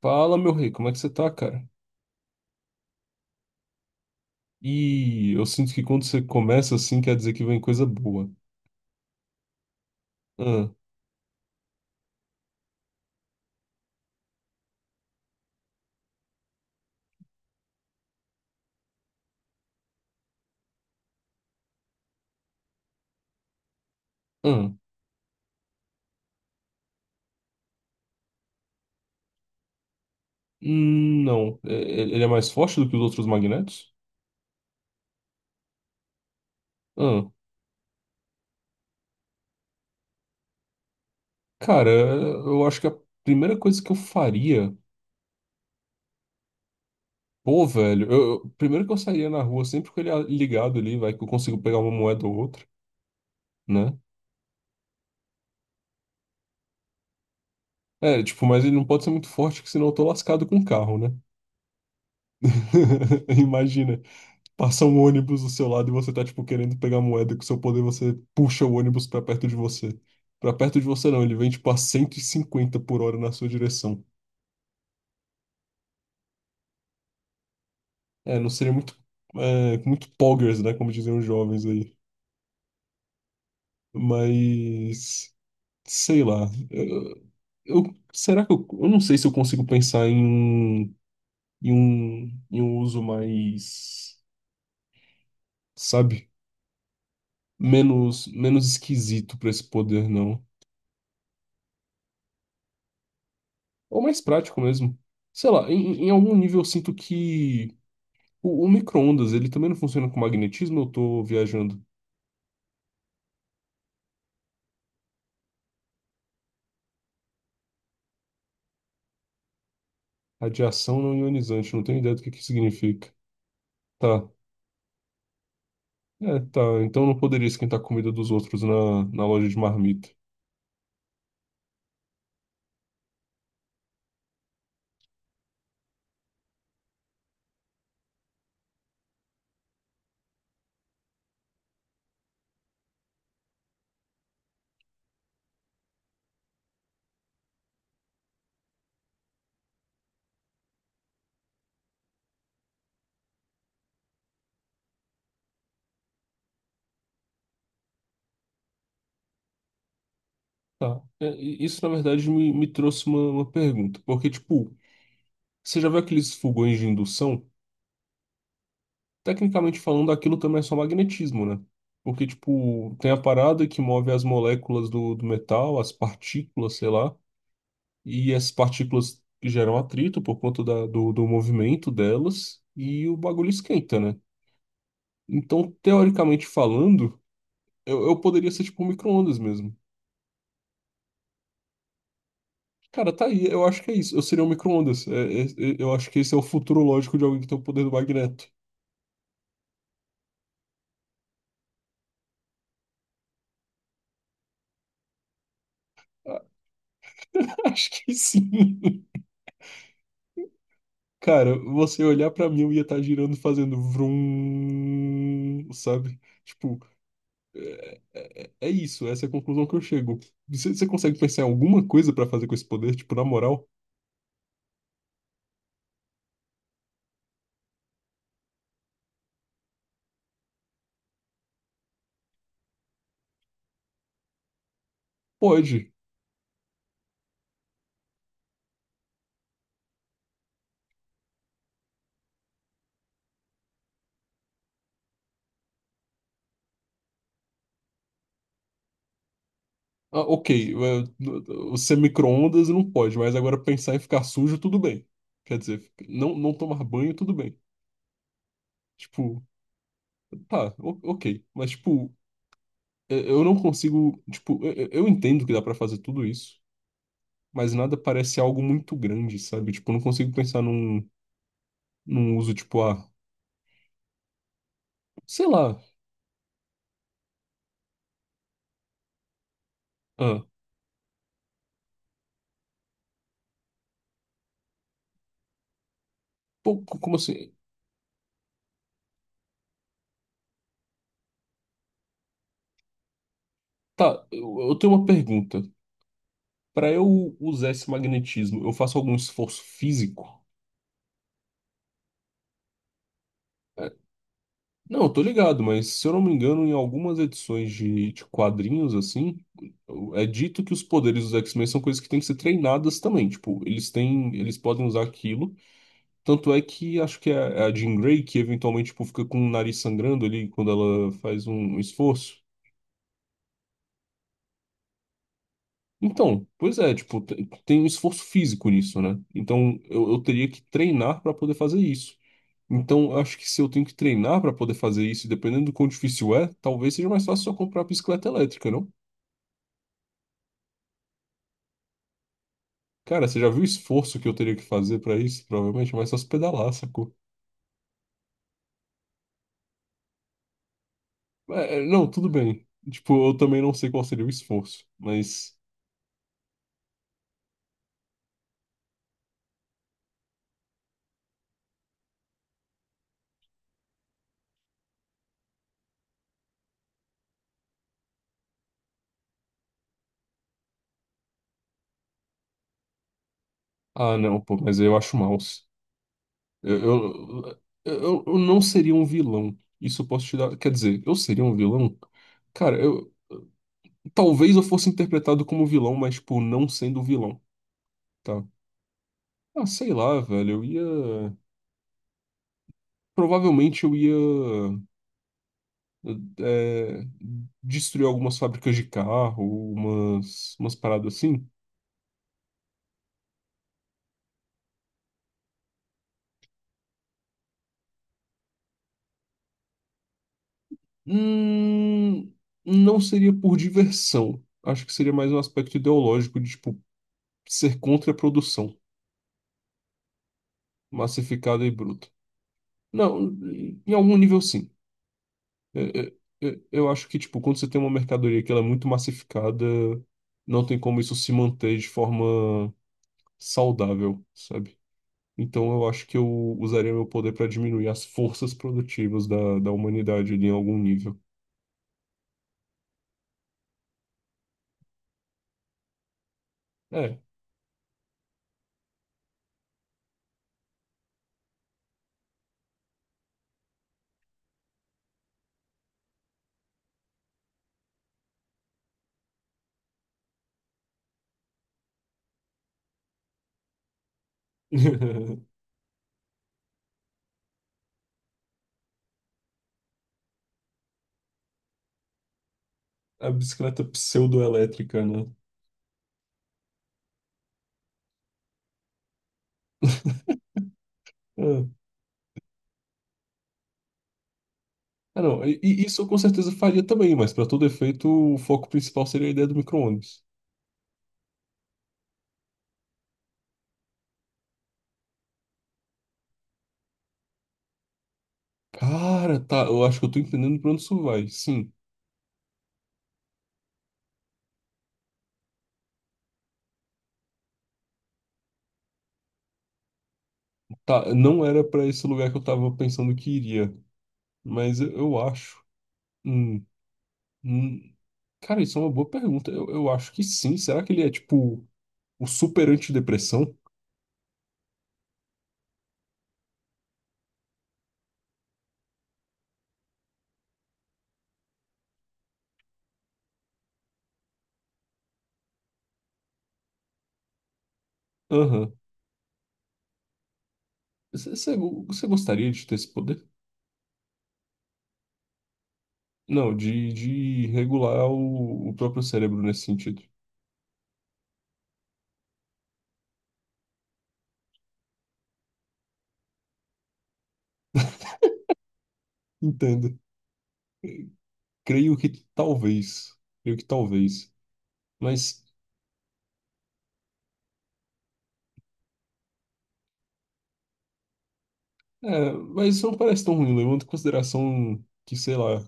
Fala, meu rei, como é que você tá, cara? E eu sinto que quando você começa assim, quer dizer que vem coisa boa. Ah, ah, não. Ele é mais forte do que os outros magnetos? Ah, cara, eu acho que a primeira coisa que eu faria. Pô, velho, primeiro que eu sairia na rua sempre com ligado ali, vai que eu consigo pegar uma moeda ou outra, né? É, tipo, mas ele não pode ser muito forte, que senão eu tô lascado com o carro, né? Imagina. Passa um ônibus do seu lado e você tá, tipo, querendo pegar moeda com seu poder, você puxa o ônibus pra perto de você. Pra perto de você não, ele vem, tipo, a 150 por hora na sua direção. É, não seria é, muito poggers, né, como diziam os jovens aí. Mas, sei lá, será que eu não sei se eu consigo pensar em em um uso mais, sabe, menos, menos esquisito pra esse poder, não. Ou mais prático mesmo. Sei lá, em algum nível eu sinto que o micro-ondas, ele também não funciona com magnetismo, eu tô viajando. Radiação não ionizante, não tenho ideia do que significa. Tá. É, tá. Então não poderia esquentar a comida dos outros na loja de marmita. Tá. É, e isso, na verdade, me trouxe uma pergunta. Porque, tipo, você já viu aqueles fogões de indução? Tecnicamente falando, aquilo também é só magnetismo, né? Porque, tipo, tem a parada que move as moléculas do metal, as partículas, sei lá. E as partículas que geram atrito por conta do movimento delas, e o bagulho esquenta, né? Então, teoricamente falando, eu poderia ser tipo um micro-ondas mesmo. Cara, tá aí, eu acho que é isso. Eu seria um micro-ondas. Eu acho que esse é o futuro lógico de alguém que tem o poder do magneto. Acho que sim. Cara, você olhar pra mim, eu ia estar girando, fazendo vrum, sabe? Tipo, é é isso, essa é a conclusão que eu chego. Você consegue pensar em alguma coisa pra fazer com esse poder, tipo, na moral? Pode. Ah, ok, ser micro-ondas não pode, mas agora pensar em ficar sujo, tudo bem. Quer dizer, não, não tomar banho, tudo bem. Tipo, tá, ok. Mas, tipo, eu não consigo. Tipo, eu entendo que dá pra fazer tudo isso, mas nada parece algo muito grande, sabe? Tipo, eu não consigo pensar num uso, tipo, ah, sei lá. Ah, pô, como assim? Tá, eu tenho uma pergunta. Pra eu usar esse magnetismo, eu faço algum esforço físico? Não, eu tô ligado, mas se eu não me engano, em algumas edições de quadrinhos, assim, é dito que os poderes dos X-Men são coisas que têm que ser treinadas também. Tipo, eles têm, eles podem usar aquilo. Tanto é que acho que é a Jean Grey que eventualmente, tipo, fica com o nariz sangrando ali quando ela faz um esforço. Então, pois é, tipo, tem um esforço físico nisso, né? Então eu teria que treinar pra poder fazer isso. Então, eu acho que se eu tenho que treinar para poder fazer isso, e dependendo do quão difícil é, talvez seja mais fácil só comprar a bicicleta elétrica, não? Cara, você já viu o esforço que eu teria que fazer para isso? Provavelmente é mais fácil pedalar, sacou? Não, tudo bem. Tipo, eu também não sei qual seria o esforço, mas. Ah, não, pô, mas eu acho mouse. Eu, eu, eu não seria um vilão. Isso eu posso te dar. Quer dizer, eu seria um vilão? Cara, eu talvez eu fosse interpretado como vilão, mas, tipo, não sendo vilão, tá? Ah, sei lá, velho, eu ia. Provavelmente eu ia eh, destruir algumas fábricas de carro, umas paradas assim. Hum, não seria por diversão. Acho que seria mais um aspecto ideológico de, tipo, ser contra a produção massificada e bruta. Não, em algum nível sim. Eh, eh, Eu acho que, tipo, quando você tem uma mercadoria que ela é muito massificada, não tem como isso se manter de forma saudável, sabe? Então eu acho que eu usaria meu poder para diminuir as forças produtivas da humanidade ali em algum nível. É. A bicicleta pseudoelétrica, né? Ah, não. E isso eu com certeza faria também, mas para todo efeito, o foco principal seria a ideia do micro-ônibus. Cara, tá, eu acho que eu tô entendendo pra onde isso vai. Sim, tá, não era pra esse lugar que eu tava pensando que iria, mas eu acho. Hum, hum. Cara, isso é uma boa pergunta. Eu acho que sim. Será que ele é tipo o super antidepressão? Aham. Você gostaria de ter esse poder? Não, de regular o próprio cérebro nesse sentido. Entendo. Eh, Creio que talvez. Creio que talvez. Mas, é, mas isso não parece tão ruim, levando em consideração que, sei lá,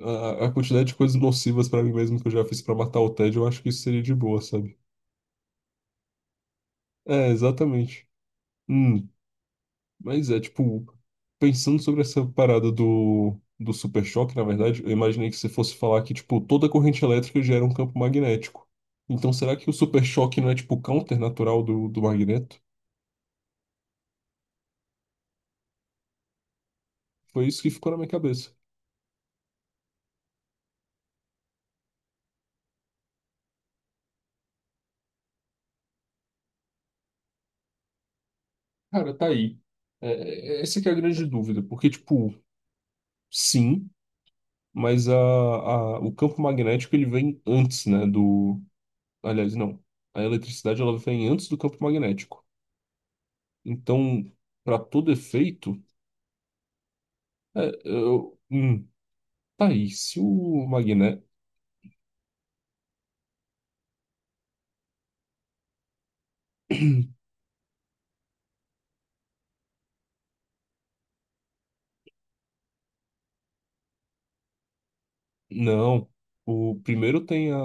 a quantidade de coisas nocivas pra mim mesmo que eu já fiz pra matar o tédio, eu acho que isso seria de boa, sabe? É, exatamente. Hum, mas é, tipo, pensando sobre essa parada do super choque, na verdade, eu imaginei que você fosse falar que, tipo, toda corrente elétrica gera um campo magnético. Então, será que o super choque não é, tipo, counter natural do magneto? Foi isso que ficou na minha cabeça. Cara, tá aí. Essa que é a grande dúvida, porque, tipo, sim, mas o campo magnético, ele vem antes, né, do... Aliás, não. A eletricidade ela vem antes do campo magnético. Então, para todo efeito, é, é, eu, hum, tá aí. Se o magné... Não. O primeiro tem a,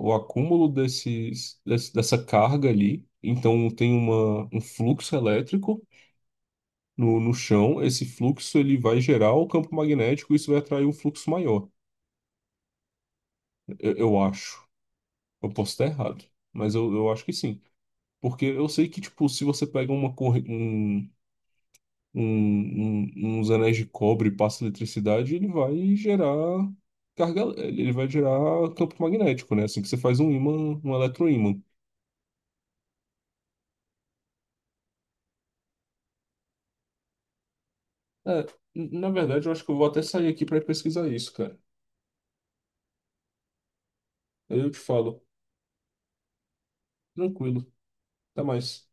o acúmulo desses, dessa carga ali. Então, tem uma, um fluxo elétrico no chão. Esse fluxo ele vai gerar o campo magnético e isso vai atrair um fluxo maior. Eu acho. Eu posso estar errado, mas eu acho que sim. Porque eu sei que, tipo, se você pega uma corrente uns anéis de cobre e passa eletricidade, ele vai gerar carga, ele vai gerar campo magnético, né? Assim que você faz um ímã, um eletroímã. É, na verdade, eu acho que eu vou até sair aqui para pesquisar isso, cara. Eu te falo. Tranquilo. Até mais.